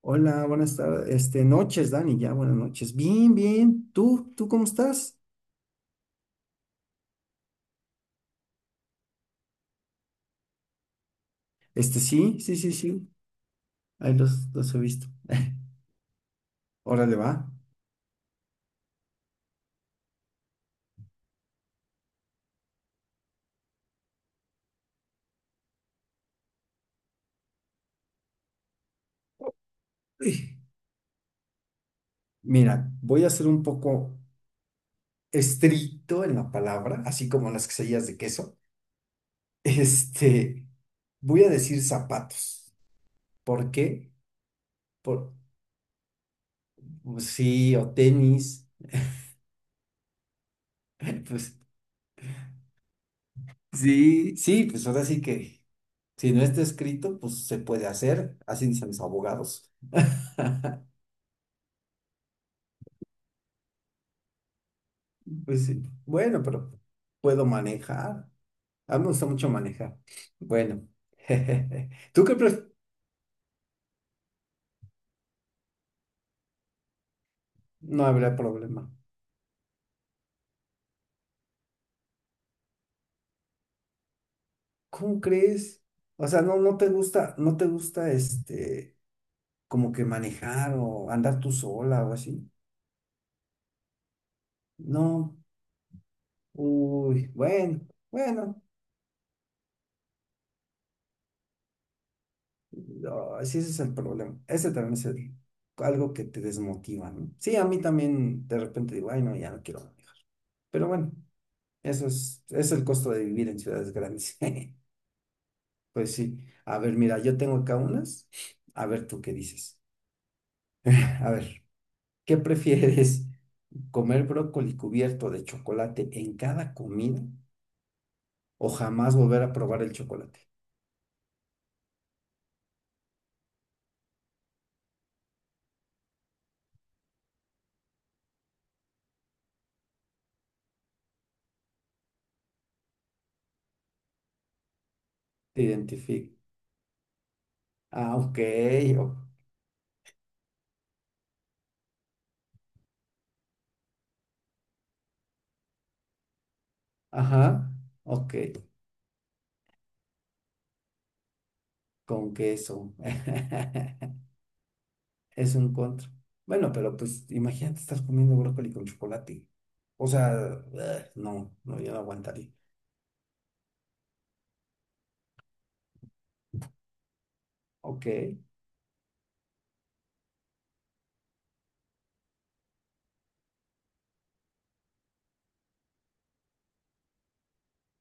Hola, buenas tardes, noches, Dani, ya, buenas noches. Bien, bien. ¿Tú? ¿Tú cómo estás? Sí, sí, sí, sí. Ahí los he visto. Órale, va. Uy, mira, voy a ser un poco estricto en la palabra, así como las quesadillas de queso. Este, Voy a decir zapatos. ¿Por qué? Por, pues sí, o tenis. Pues sí, sí, pues ahora sí que, si no está escrito, pues se puede hacer, así dicen los abogados. Pues sí, bueno, pero puedo manejar. A mí me gusta mucho manejar. Bueno, ¿tú qué pref- no habrá problema. ¿Cómo crees? O sea, no, no te gusta, no te gusta como que manejar o andar tú sola o así. No, uy, bueno, bueno, no, sí, ese es el problema. Ese también es el- Algo que te desmotiva, ¿no? Sí, a mí también de repente digo, ay, no, ya no quiero manejar. Pero bueno. Es el costo de vivir en ciudades grandes. Pues sí. A ver, mira, yo tengo acá unas. A ver, tú qué dices. A ver, ¿qué prefieres? ¿Comer brócoli cubierto de chocolate en cada comida o jamás volver a probar el chocolate? Te identifico. Ah, ok. o- ajá. Ok. Con queso. Es un contra. Bueno, pero pues imagínate, estás comiendo brócoli con chocolate. O sea, ugh, no, no, yo no aguantaría. Ok,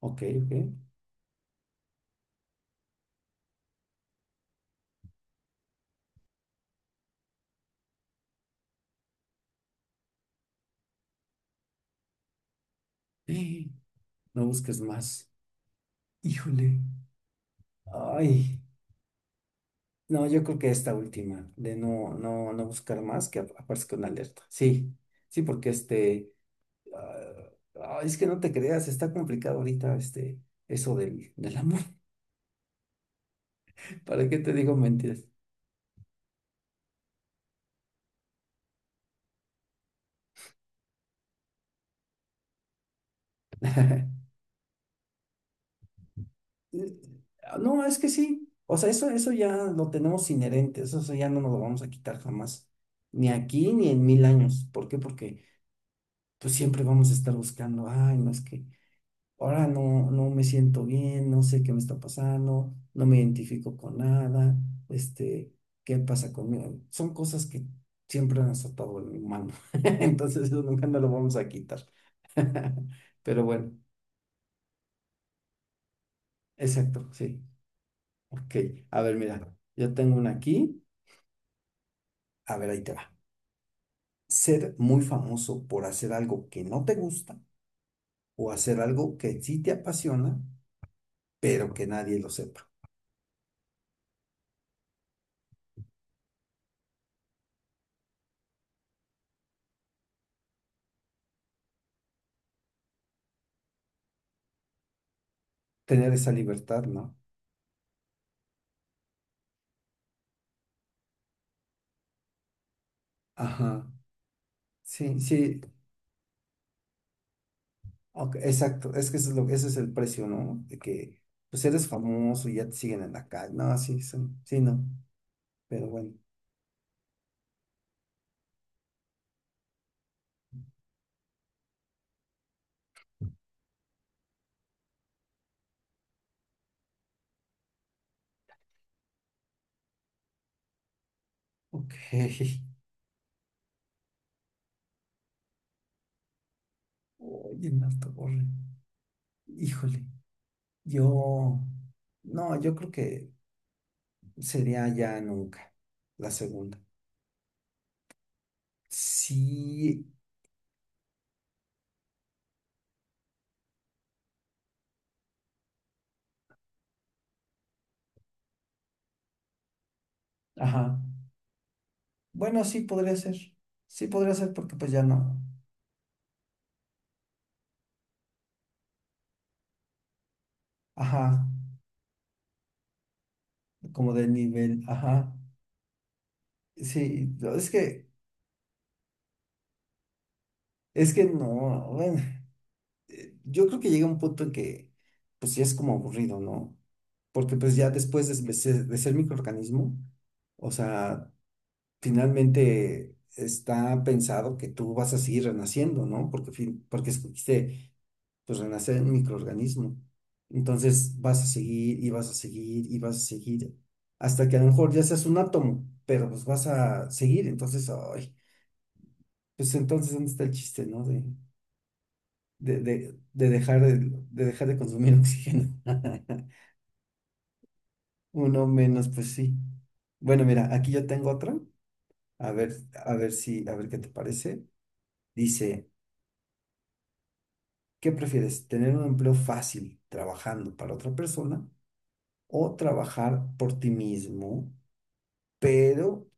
ok, ok. Eh, No busques más. Híjole. Ay. No, yo creo que esta última, de no, no, no buscar más, que aparezca una alerta. Sí, sí, porque ah, ay, es que no te creas, está complicado ahorita eso del amor. ¿Para qué te digo mentiras? Ah, no, es que sí. O sea, eso ya lo tenemos inherente, eso ya no nos lo vamos a quitar jamás. Ni aquí ni en mil años. ¿Por qué? Porque pues siempre vamos a estar buscando, ay, no es que ahora no, no me siento bien, no sé qué me está pasando, no me identifico con nada, este, ¿qué pasa conmigo? Son cosas que siempre han estado en el humano, entonces eso nunca nos lo vamos a quitar. Pero bueno, exacto, sí. Ok, a ver, mira, yo tengo una aquí, a ver, ahí te va. Ser muy famoso por hacer algo que no te gusta o hacer algo que sí te apasiona, pero que nadie lo sepa. Tener esa libertad, ¿no? Ajá, sí, sí, ok, exacto, es que ese es el precio, ¿no? De que, pues eres famoso y ya te siguen en la calle, no, sí, sí, no, pero bueno, ok, oye, Marta Borre, híjole, yo, no, yo creo que sería ya nunca, la segunda, sí, ajá, bueno, sí podría ser porque pues ya no, ajá, como de nivel, ajá. Sí, no, es que no, bueno, yo creo que llega un punto en que, pues ya es como aburrido, ¿no? Porque pues ya después de, de ser microorganismo, o sea, finalmente está pensado que tú vas a seguir renaciendo, ¿no? Porque, porque escogiste, pues, renacer en microorganismo. Entonces vas a seguir y vas a seguir y vas a seguir, hasta que a lo mejor ya seas un átomo, pero pues vas a seguir, entonces, ay, pues entonces, ¿dónde está el chiste, ¿no? de, de- de dejar de, de dejar de consumir oxígeno. Uno menos, pues sí. Bueno, mira, aquí yo tengo otra. A ver, a ver si, a ver qué te parece. Dice, ¿qué prefieres? ¿Tener un empleo fácil trabajando para otra persona o trabajar por ti mismo, pero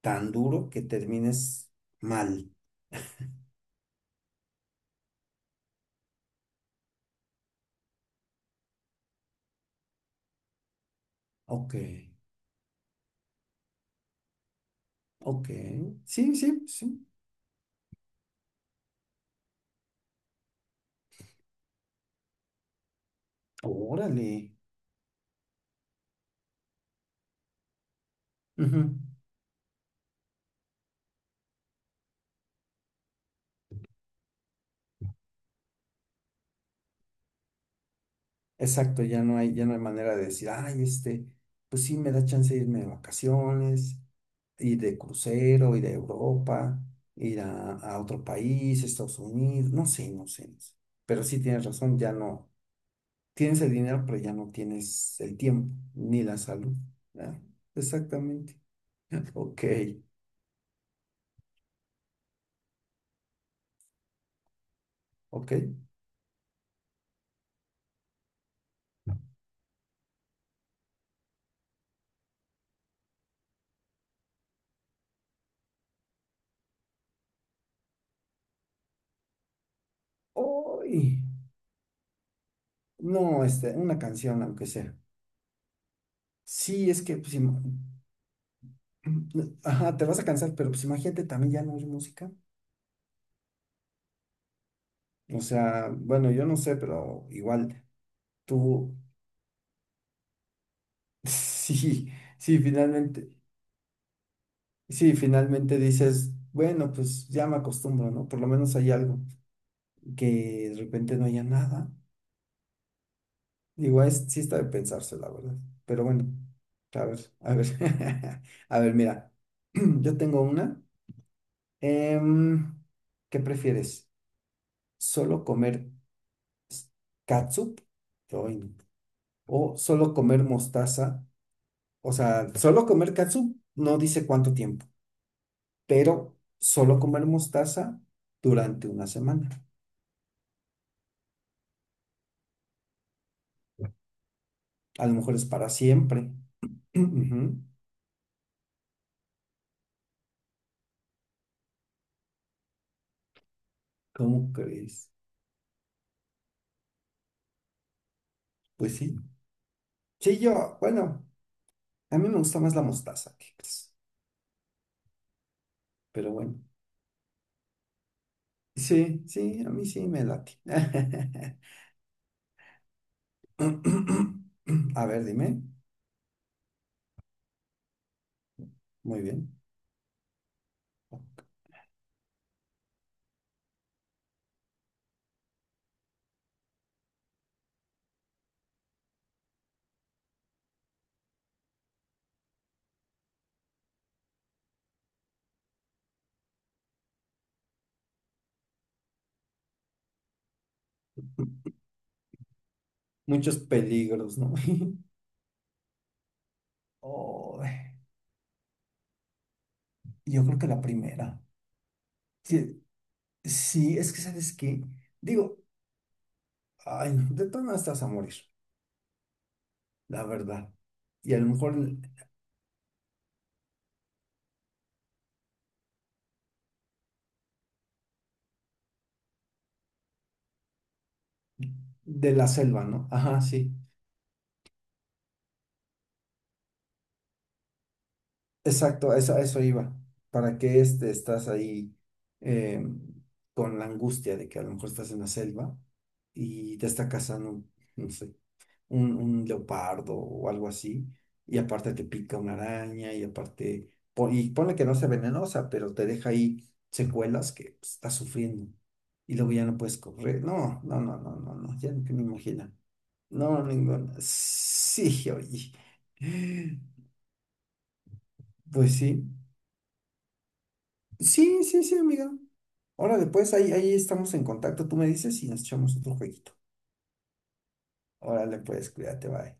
tan duro que termines mal? Ok, ok. Sí, sí, sí. Órale. Ujú. Exacto, ya no hay manera de decir, ay, este, pues sí, me da chance de irme de vacaciones, ir de crucero, ir a Europa, ir a otro país, Estados Unidos, no sé, no sé, no sé. Pero sí tienes razón, ya no, tienes el dinero, pero ya no tienes el tiempo, ni la salud, ¿verdad? Exactamente. Ok, ok. Uy, no, este, una canción, aunque sea. Sí, es que, pues, ajá, te vas a cansar, pero pues imagínate también ya no oír música. O sea, bueno, yo no sé, pero igual tú, sí, sí, finalmente, sí, finalmente dices, bueno, pues ya me acostumbro, ¿no? Por lo menos hay algo, que de repente no haya nada. Igual es, sí está de pensarse, la verdad. Pero bueno, a ver, a ver, mira, yo tengo una. Em, ¿qué prefieres? ¿Solo comer s- catsup? Ay, no. ¿O solo comer mostaza? O sea, solo comer katsu no dice cuánto tiempo, pero solo comer mostaza durante una semana. A lo mejor es para siempre. Ujú. ¿Cómo crees? Pues sí. Sí, yo, bueno, a mí me gusta más la mostaza que pues, pero bueno. Sí, sí, a mí sí me late. A ver, dime. Muy bien. Muchos peligros, ¿no? Oh, yo creo que la primera. Sí, sí, es que, ¿sabes que digo, ay, no, de todo estás a morir, la verdad. Y a lo mejor de la selva, ¿no? Ajá, sí. Exacto, a eso iba. ¿Para qué estás ahí eh, con la angustia de que a lo mejor estás en la selva y te está cazando, no sé, un leopardo o algo así, y aparte te pica una araña, y aparte, y ponle que no sea venenosa, pero te deja ahí secuelas que pues, estás sufriendo, y luego ya no puedes correr. No, no, no, no, no, no, ya ni me imagino. No, ninguna. Sí, oye. Pues sí. Sí, sí, sí, amiga. Órale, pues ahí, ahí estamos en contacto. Tú me dices y nos echamos otro jueguito. Órale, pues, cuídate, bye.